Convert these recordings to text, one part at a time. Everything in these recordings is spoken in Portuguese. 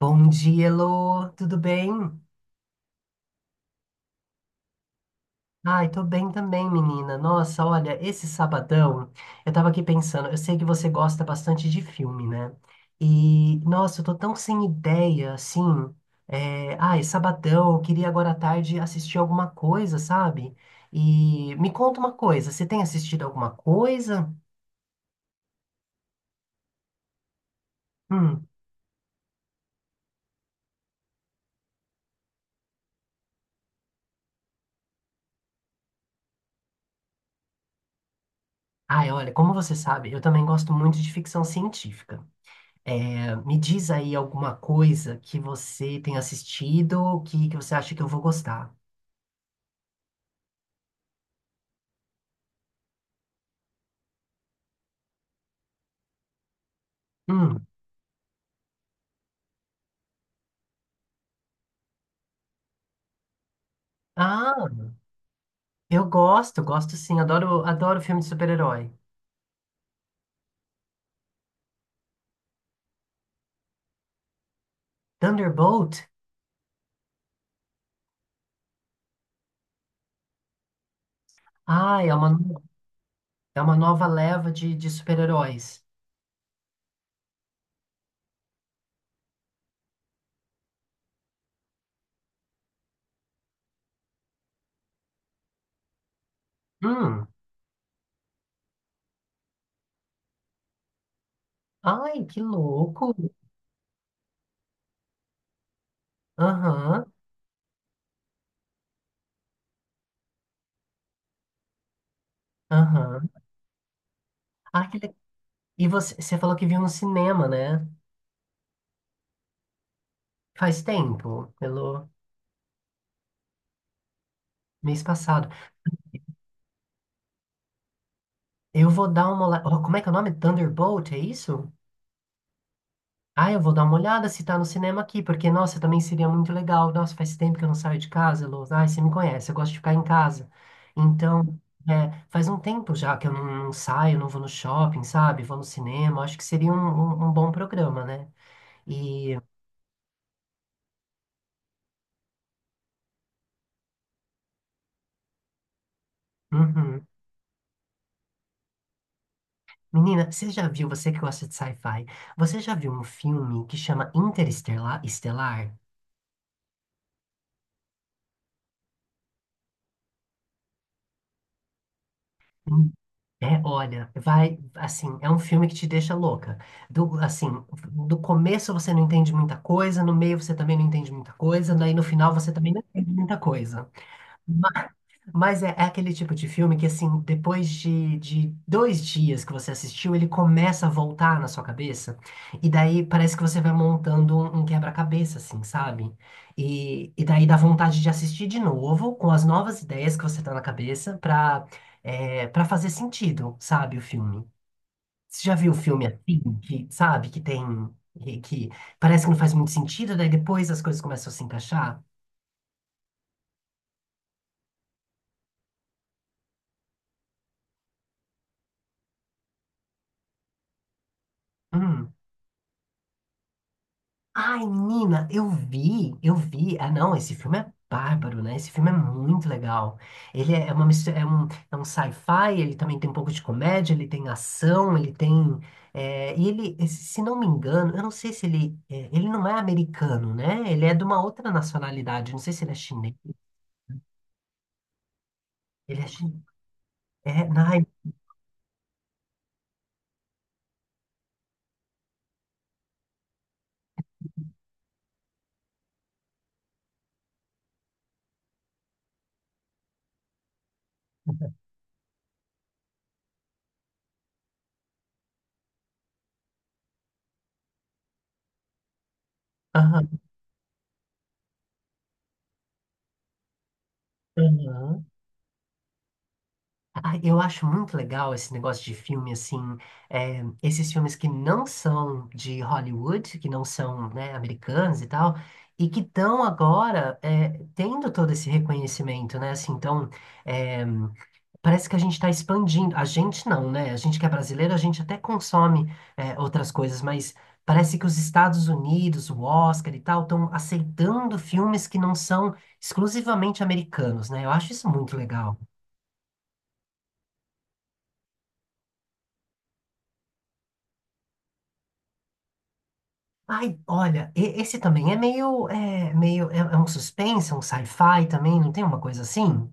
Bom dia, Elô. Tudo bem? Ai, tô bem também, menina. Nossa, olha, esse sabadão, eu tava aqui pensando, eu sei que você gosta bastante de filme, né? E, nossa, eu tô tão sem ideia, assim. Ai, sabadão, eu queria agora à tarde assistir alguma coisa, sabe? E me conta uma coisa, você tem assistido alguma coisa? Hum. Ai, olha, como você sabe, eu também gosto muito de ficção científica. Me diz aí alguma coisa que você tem assistido que você acha que eu vou gostar. Hum. Ah, eu gosto, gosto sim. Adoro, adoro filme de super-herói. Thunderbolt? Ai, é uma nova leva de super-heróis. Hum. Ai, que louco. Aham, aham. Ah, que le- E você falou que viu no cinema, né? Faz tempo, pelo mês passado. Eu vou dar uma olhada. Oh, como é que é o nome? Thunderbolt, é isso? Ah, eu vou dar uma olhada se tá no cinema aqui, porque, nossa, também seria muito legal. Nossa, faz tempo que eu não saio de casa, Lô. Ai, você me conhece, eu gosto de ficar em casa. Então, faz um tempo já que eu não saio, não vou no shopping, sabe? Vou no cinema. Acho que seria um bom programa, né? E, uhum. Menina, você já viu, você que gosta de sci-fi, você já viu um filme que chama Interestelar? Estelar? É, olha, vai, assim, é um filme que te deixa louca. Assim, do começo você não entende muita coisa, no meio você também não entende muita coisa, daí no final você também não entende muita coisa. Mas é aquele tipo de filme que, assim, depois de 2 dias que você assistiu, ele começa a voltar na sua cabeça. E daí parece que você vai montando um quebra-cabeça, assim, sabe? E daí dá vontade de assistir de novo, com as novas ideias que você tá na cabeça, pra fazer sentido, sabe, o filme. Você já viu o filme assim, que, sabe, que tem. Que parece que não faz muito sentido, daí depois as coisas começam a se encaixar? Hum. Ai, menina, eu vi, eu vi. Ah, não, esse filme é bárbaro, né? Esse filme é muito legal. Ele é uma mistura, é um sci-fi, ele também tem um pouco de comédia, ele tem ação, ele tem. E ele, se não me engano, eu não sei se ele. Ele não é americano, né? Ele é de uma outra nacionalidade. Não sei se ele é chinês. Ele é chinês. É, ai, aham, aham. Ah, eu acho muito legal esse negócio de filme, assim, é, esses filmes que não são de Hollywood, que não são, né, americanos e tal, e que estão agora tendo todo esse reconhecimento, né, assim, então, é, parece que a gente está expandindo, a gente não, né, a gente que é brasileiro, a gente até consome outras coisas, mas parece que os Estados Unidos, o Oscar e tal, estão aceitando filmes que não são exclusivamente americanos, né, eu acho isso muito legal. Ai, olha, esse também é um suspense, um sci-fi também, não tem uma coisa assim?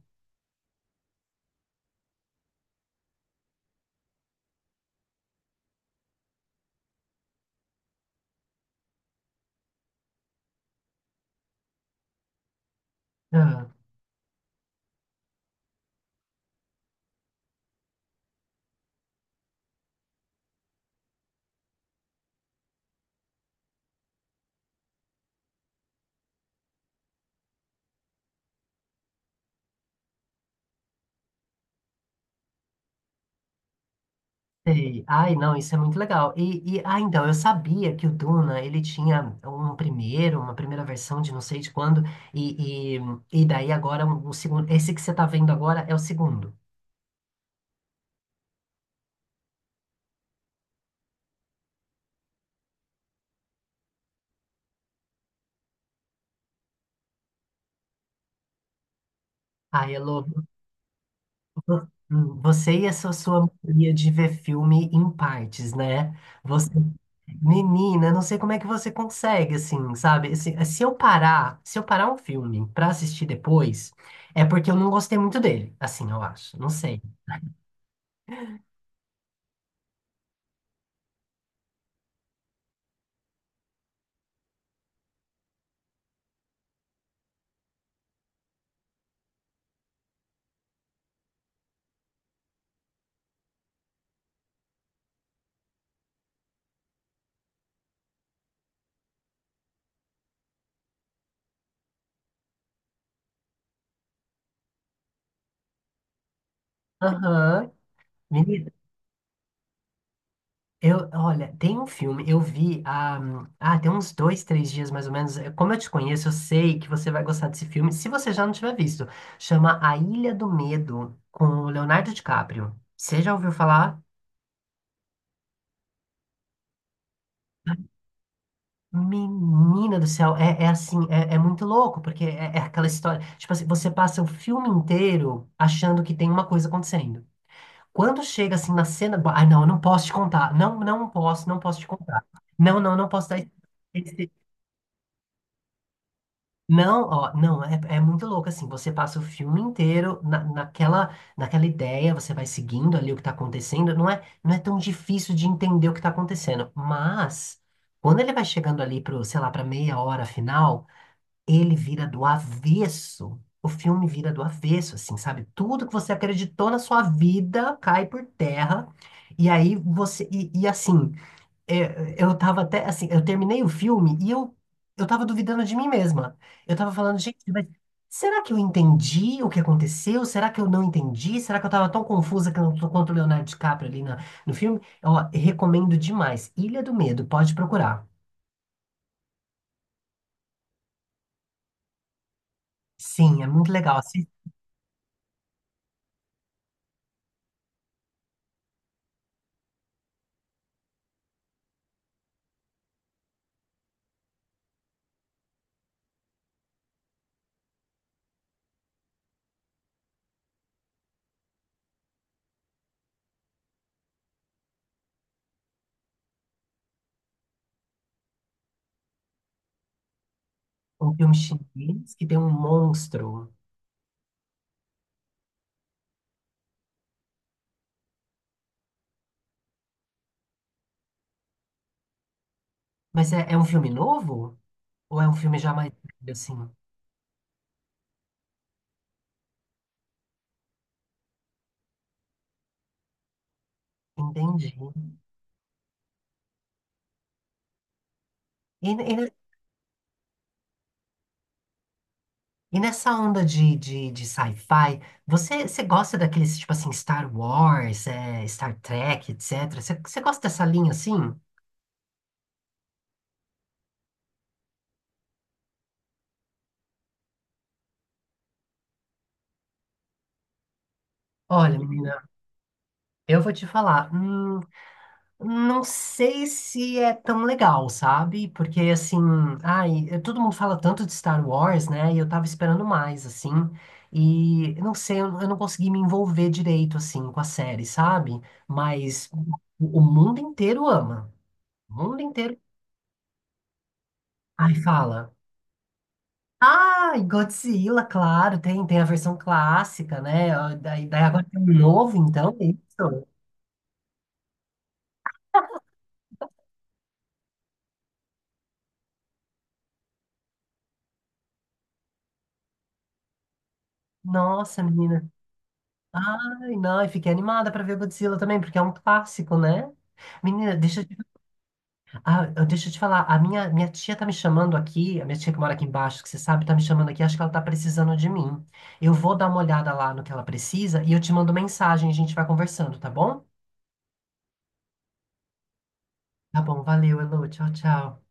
Ah, sei. Ai, não, isso é muito legal. Ah, então, eu sabia que o Duna, ele tinha um primeiro, uma primeira versão de não sei de quando, e, e daí agora um segundo, esse que você tá vendo agora é o segundo. Ai, Elô, Vo- Você e essa sua mania de ver filme em partes, né? Você, menina, eu não sei como é que você consegue, assim, sabe? Se eu parar um filme pra assistir depois, é porque eu não gostei muito dele, assim, eu acho. Não sei. Aham. Menina. Olha, tem um filme, eu vi há, tem uns dois, três dias mais ou menos. Como eu te conheço, eu sei que você vai gostar desse filme, se você já não tiver visto. Chama A Ilha do Medo, com o Leonardo DiCaprio. Você já ouviu falar? Menina do céu, é assim, é muito louco, porque é aquela história. Tipo assim, você passa o filme inteiro achando que tem uma coisa acontecendo. Quando chega assim na cena, ai não, eu não posso te contar. Não, não posso te contar. Não, não, não posso dar. Não, ó, não, é muito louco assim. Você passa o filme inteiro naquela ideia, você vai seguindo ali o que tá acontecendo. Não é tão difícil de entender o que tá acontecendo. Mas quando ele vai chegando ali pro, sei lá, pra meia hora final, ele vira do avesso. O filme vira do avesso, assim, sabe? Tudo que você acreditou na sua vida cai por terra. E aí você, e assim. Eu tava até, assim, eu terminei o filme e eu tava duvidando de mim mesma. Eu tava falando, gente, mas será que eu entendi o que aconteceu? Será que eu não entendi? Será que eu tava tão confusa que eu não tô quanto o Leonardo DiCaprio ali na, no filme? Ó, recomendo demais. Ilha do Medo, pode procurar. Sim, é muito legal. Assista um filme chinês que tem um monstro. Mas é um filme novo? Ou é um filme já mais velho, assim? Entendi. E, e E nessa onda de sci-fi, você gosta daqueles, tipo assim, Star Wars, Star Trek, etc? Você gosta dessa linha assim? Olha, menina, eu vou te falar, não sei se é tão legal, sabe? Porque, assim, ai, todo mundo fala tanto de Star Wars, né? E eu tava esperando mais, assim. E eu não sei, eu, não consegui me envolver direito, assim, com a série, sabe? Mas o mundo inteiro ama. O mundo inteiro. Ai, fala. Ah, e Godzilla, claro, tem a versão clássica, né? Ó, Daí agora tem um novo, então, é isso? Nossa, menina. Ai, não, eu fiquei animada para ver Godzilla também, porque é um clássico, né? Menina, deixa eu te falar, a minha tia tá me chamando aqui, a minha tia que mora aqui embaixo, que você sabe, tá me chamando aqui, acho que ela tá precisando de mim. Eu vou dar uma olhada lá no que ela precisa e eu te mando mensagem, a gente vai conversando, tá bom? Tá bom, valeu, Elô, tchau, tchau.